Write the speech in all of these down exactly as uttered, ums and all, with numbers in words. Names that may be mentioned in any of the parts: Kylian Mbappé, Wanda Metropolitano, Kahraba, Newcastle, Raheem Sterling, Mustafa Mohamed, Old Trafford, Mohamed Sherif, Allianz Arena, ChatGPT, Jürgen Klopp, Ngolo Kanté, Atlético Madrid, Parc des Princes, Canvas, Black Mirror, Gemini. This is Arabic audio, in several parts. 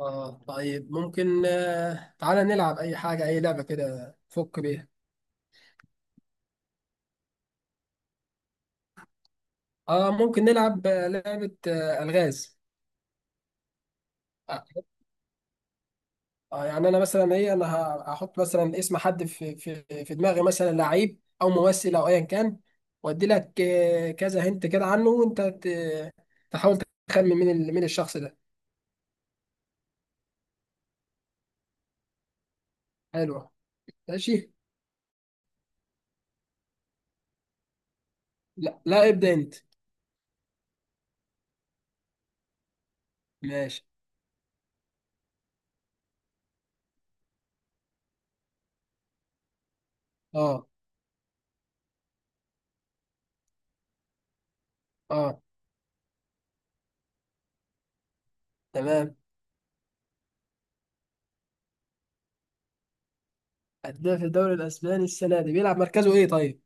اه طيب ممكن آه، تعالى نلعب اي حاجة اي لعبة كده فك بيها. اه ممكن نلعب آه، لعبة آه، الغاز. آه آه، يعني انا مثلا ايه انا ه- هحط مثلا اسم حد في في في دماغي مثلا لعيب او ممثل او ايا كان. وادي لك آه، كذا هنت كده عنه وانت ت- تحاول تخمن مين ال- مين الشخص ده. حلو، ماشي. لا لا، ابدأ انت. ماشي. اه اه. تمام. هداف الدوري الاسباني السنة دي بيلعب مركزه ايه طيب؟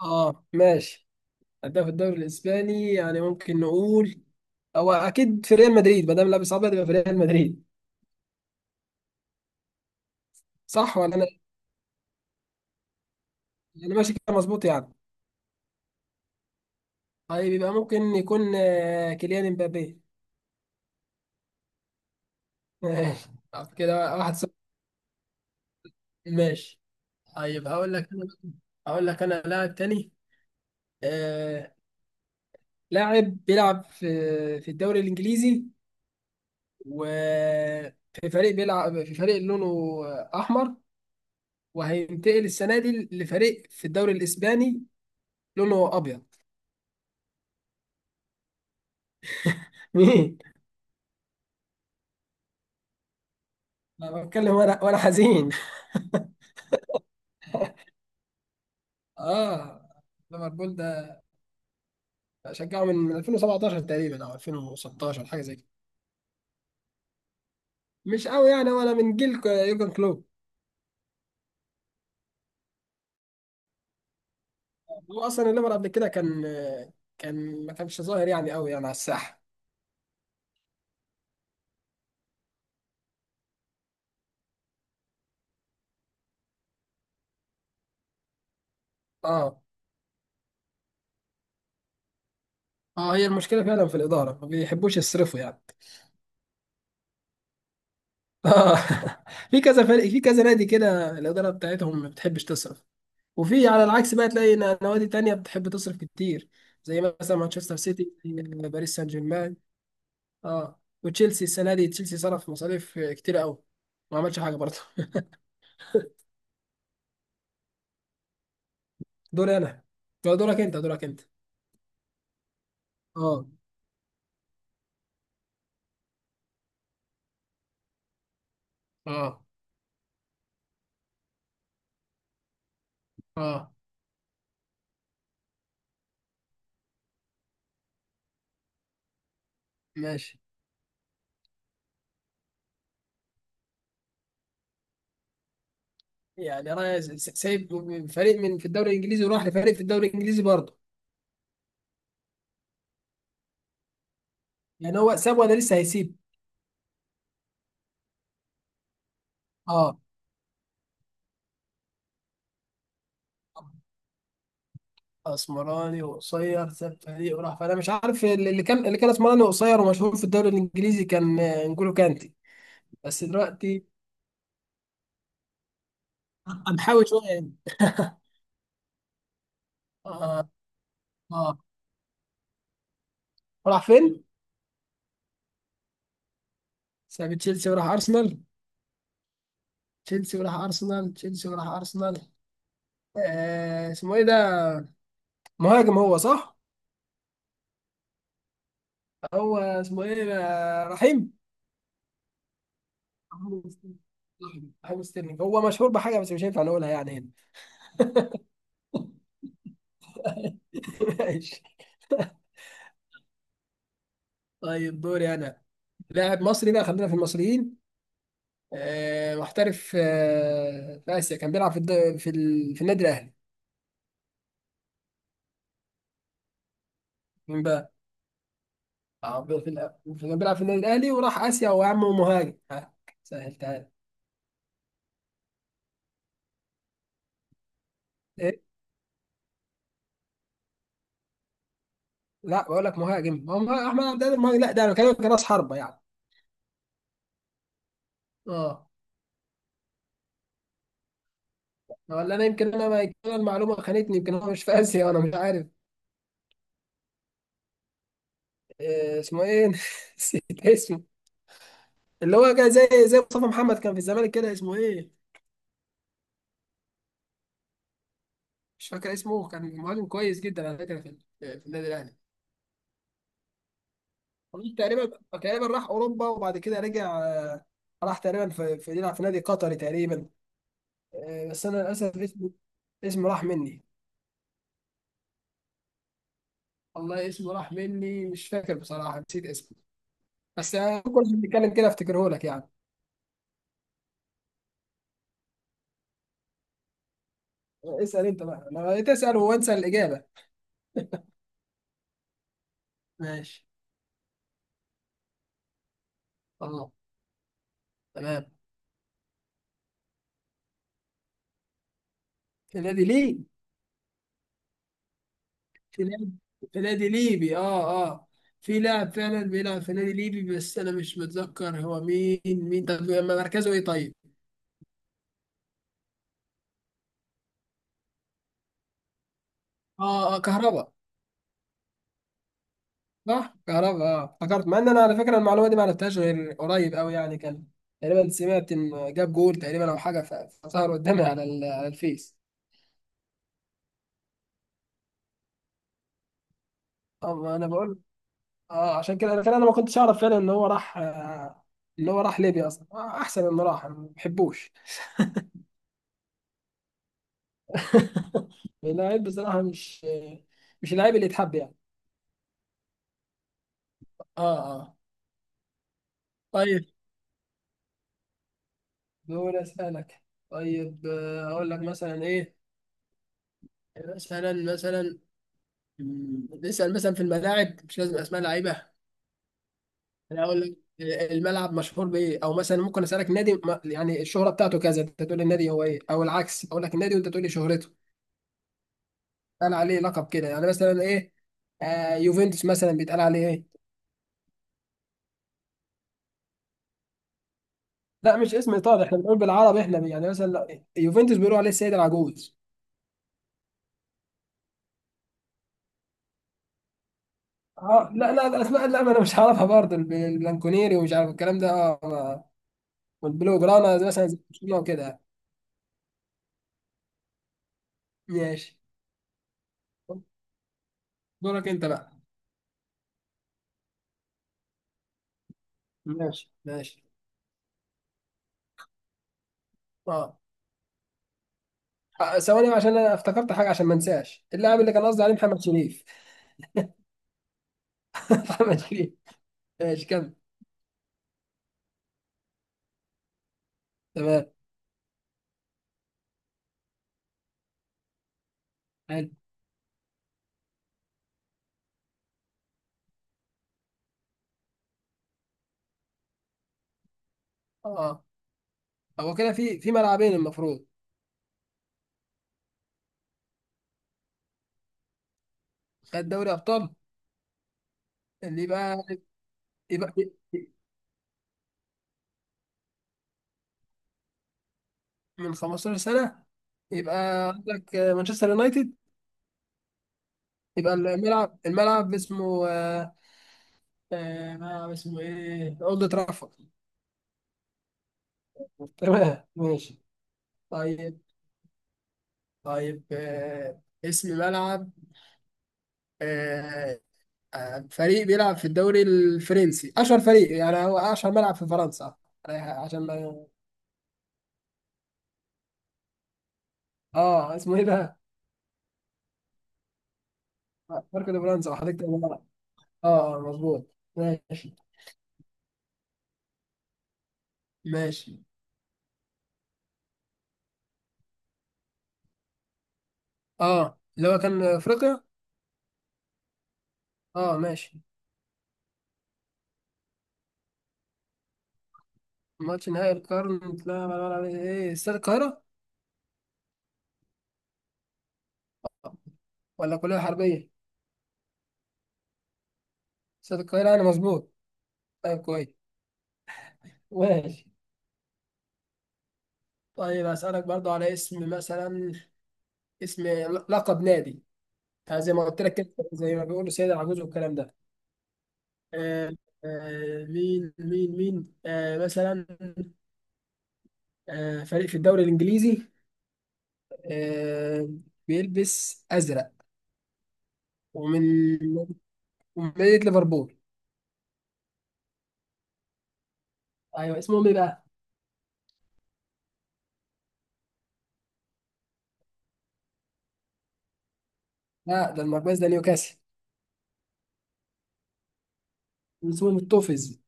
اه ماشي. أداء في الدوري الإسباني يعني ممكن نقول هو أكيد في ريال مدريد، ما دام لابس أبيض يبقى في ريال مدريد. صح ولا أنا؟ أنا ماشي كده مظبوط يعني؟ طيب يبقى ممكن يكون آه، كيليان امبابي. ماشي، طب كده واحد صفر. ماشي. طيب هقول لك أنا، هقول لك أنا لاعب تاني. آه، لاعب بيلعب في في الدوري الإنجليزي، وفي فريق بيلعب في فريق لونه أحمر، وهينتقل السنة دي لفريق في الدوري الإسباني لونه أبيض. مين؟ انا بتكلم وانا وانا حزين. اه، ليفربول ده شجعه من من ألفين وسبعتاشر تقريبا او ألفين وستاشر حاجه زي كده. مش قوي يعني، وانا من جيل ك- يورجن كلوب. هو اصلا الليفر قبل كده كان، كان ما كانش ظاهر يعني قوي يعني على الساحه. اه اه. هي المشكله فعلا في الاداره، ما بيحبوش يصرفوا يعني. اه. في كذا فريق، في كذا نادي كده الاداره بتاعتهم ما بتحبش تصرف، وفي على العكس بقى تلاقي ن- نوادي تانية بتحب تصرف كتير، زي مثلا مانشستر سيتي، باريس سان جيرمان. اه، وتشيلسي السنه دي، تشيلسي صرف مصاريف كتير قوي، ما عملش حاجه برضه. دوري انا. لا، دورك انت، دورك انت اه اه اه. ماشي. يعني انا س- س- سايب فريق من في الدوري الانجليزي وراح لفريق في الدوري الانجليزي برضه. يعني هو ساب ولا لسه هيسيب؟ اه. اسمراني وقصير ساب فريق وراح، فانا مش عارف. اللي اللي كان اللي كان اسمراني وقصير ومشهور في الدوري الانجليزي كان آه، نجولو كانتي، بس دلوقتي هنحاول شويه يعني. اه اه. راح فين؟ ساب تشيلسي وراح ارسنال تشيلسي وراح ارسنال تشيلسي وراح ارسنال. آه، اسمه ايه ده؟ مهاجم هو، صح؟ هو اسمه ايه؟ آه، رحيم، رحيم ستيرلينج. رحيم ستيرلينج. هو مشهور بحاجه بس مش هينفع نقولها يعني هنا. ماشي. طيب دوري انا. لاعب مصري بقى، خلينا في المصريين. آه، محترف آه في اسيا، كان بيلعب في الد... في ال... في النادي الاهلي. مين بقى؟ اه، في ال... كان بيلعب في النادي الاهلي وراح اسيا، وهو يا عم مهاجم، ها، سهلتها لك. لا، بقول لك مهاجم. هو مه- احمد عبد القادر مهاجم؟ لا، ده انا بكلمك راس حربه يعني. اه. ولا انا، يمكن انا، ما يمكن أنا المعلومه خانتني، يمكن هو مش في اسيا، انا مش عارف. إيه اسمه ايه؟ نسيت اسمه. اللي هو كان زي، زي مصطفى محمد، كان في الزمالك كده، اسمه ايه؟ مش فاكر اسمه. كان مهاجم كويس جدا على فكره في في النادي الاهلي. والله تقريبا، تقريبا راح اوروبا وبعد كده رجع. راح تقريبا في في، يلعب في نادي قطري تقريبا. إيه بس انا للاسف اسمه، اسمه راح مني. والله اسمه راح مني، مش فاكر بصراحه، نسيت اسمه. بس آه، كل ما بنتكلم كده افتكره لك يعني. اسال انت بقى، انا بقيت اسال وانسى الاجابه. ماشي. اه تمام. في نادي ليه؟ في نادي، في نادي ليبي، اه اه. في لاعب فعلا بيلعب في نادي ليبي، بس انا مش متذكر هو مين. مين طب مركزه ايه طيب؟ اه اه، كهربا. صح كهربا، اه، افتكرت. مع ان انا على فكره المعلومه دي ما عرفتهاش غير قريب قوي يعني، كان تقريبا سمعت ان جاب جول تقريبا او حاجه، ف- فظهر قدامي على ال- على الفيس. اه، ما انا بقول. اه، عشان كده فعلا انا ما كنتش اعرف فعلا ان هو راح آه، ان هو راح ليبيا اصلا. آه، احسن انه راح، أنا ما بحبوش. اللاعب بصراحه مش، مش اللاعب اللي يتحب يعني. اه اه. طيب دول اسالك. طيب آه، اقول لك مثلا ايه. مثلا مثلا مم، نسال مثلا في الملاعب، مش لازم اسماء لعيبه. انا اقول لك آه، الملعب مشهور بايه، او مثلا ممكن اسالك نادي م- يعني الشهره بتاعته كذا، انت تقول لي النادي هو ايه، او العكس، اقول لك النادي وانت تقول لي شهرته. قال عليه لقب كده يعني مثلا ايه. آه يوفنتوس مثلا بيتقال عليه ايه؟ لا مش اسم ايطالي، احنا بنقول بالعربي احنا يعني مثلا. لا، يوفنتوس بيقولوا عليه السيد العجوز. اه لا لا الاسماء، لا ما انا مش عارفها برضه. الب- البلانكونيري ومش عارف الكلام ده، اه ما- والبلو جرانا، زي مثلا زي برشلونه وكده يعني. ماشي. دورك انت بقى. ماشي ماشي. اه آه، ثواني بقى عشان انا افتكرت حاجه، عشان ما انساش اللاعب اللي كان قصدي عليه محمد شريف. محمد شريف. ماشي كمل. تمام. حلو. اه. هو كده في في ملعبين المفروض. خد دوري ابطال؟ اللي يبقى، يبقى من خمستاشر سنة، يبقى عندك آه، مانشستر يونايتد. يبقى الملعب، الملعب اسمه آه، آه، ملعب اسمه ايه؟ اولد ترافورد. تمام ماشي. طيب. طيب آه، اسم ملعب آه، آه، فريق بيلعب في الدوري الفرنسي، اشهر فريق يعني، هو اشهر ملعب في فرنسا. أنا- عشان ما اه اسمه ايه ده؟ بارك دي فرنسا، وحديقة الملعب. اه آه، مظبوط. ماشي ماشي. اه، اللي هو كان افريقيا. اه ماشي. ماتش نهائي القرن، لا لا لا لا، ايه استاد القاهرة، ولا كلية حربية؟ استاد القاهرة انا، مظبوط؟ طيب كويس. ماشي. طيب اسألك برضو على اسم مثلا، اسم لقب نادي. آه، زي ما قلت لك كده، زي ما بيقولوا سيد العجوز والكلام ده. آه آه مين مين مين آه مثلا، آه فريق في الدوري الانجليزي، آه بيلبس ازرق، ومن ومن مدينة ليفربول. ايوه اسمهم ايه بقى؟ لا ده المركز ده نيوكاسل. اسمه متوفز.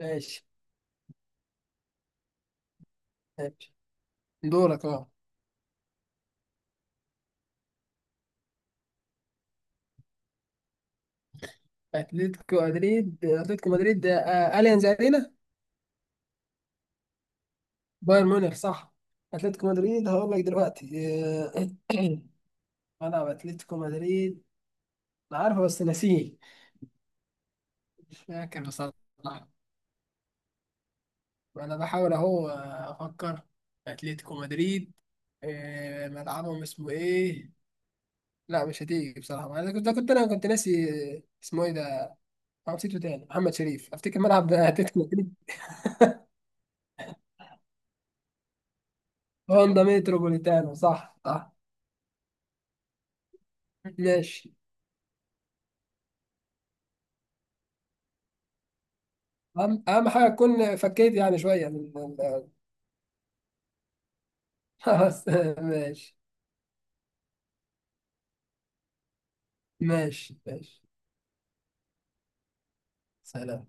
ماشي ماشي. دورك اه. اتلتيكو مدريد، اتلتيكو مدريد ده آه اليانز ارينا. بايرن ميونخ صح. اتلتيكو مدريد هقول لك دلوقتي آه، ملعب اتلتيكو مدريد، انا عارفه بس ناسيه. مش فاكر بصراحه، انا بحاول اهو آه، افكر. اتلتيكو مدريد آه، ملعبهم اسمه ايه؟ لا مش هتيجي بصراحه. انا كنت كنت انا كنت ناسي، اسمه ايه ده؟ أنا نسيته تاني. محمد شريف افتكر ملعب اتلتيكو مدريد. هوندا متروبوليتانو، صح صح. ماشي. اهم، أهم حاجه تكون فكيت يعني شويه من من- خلاص ماشي. ماشي ماشي. سلام.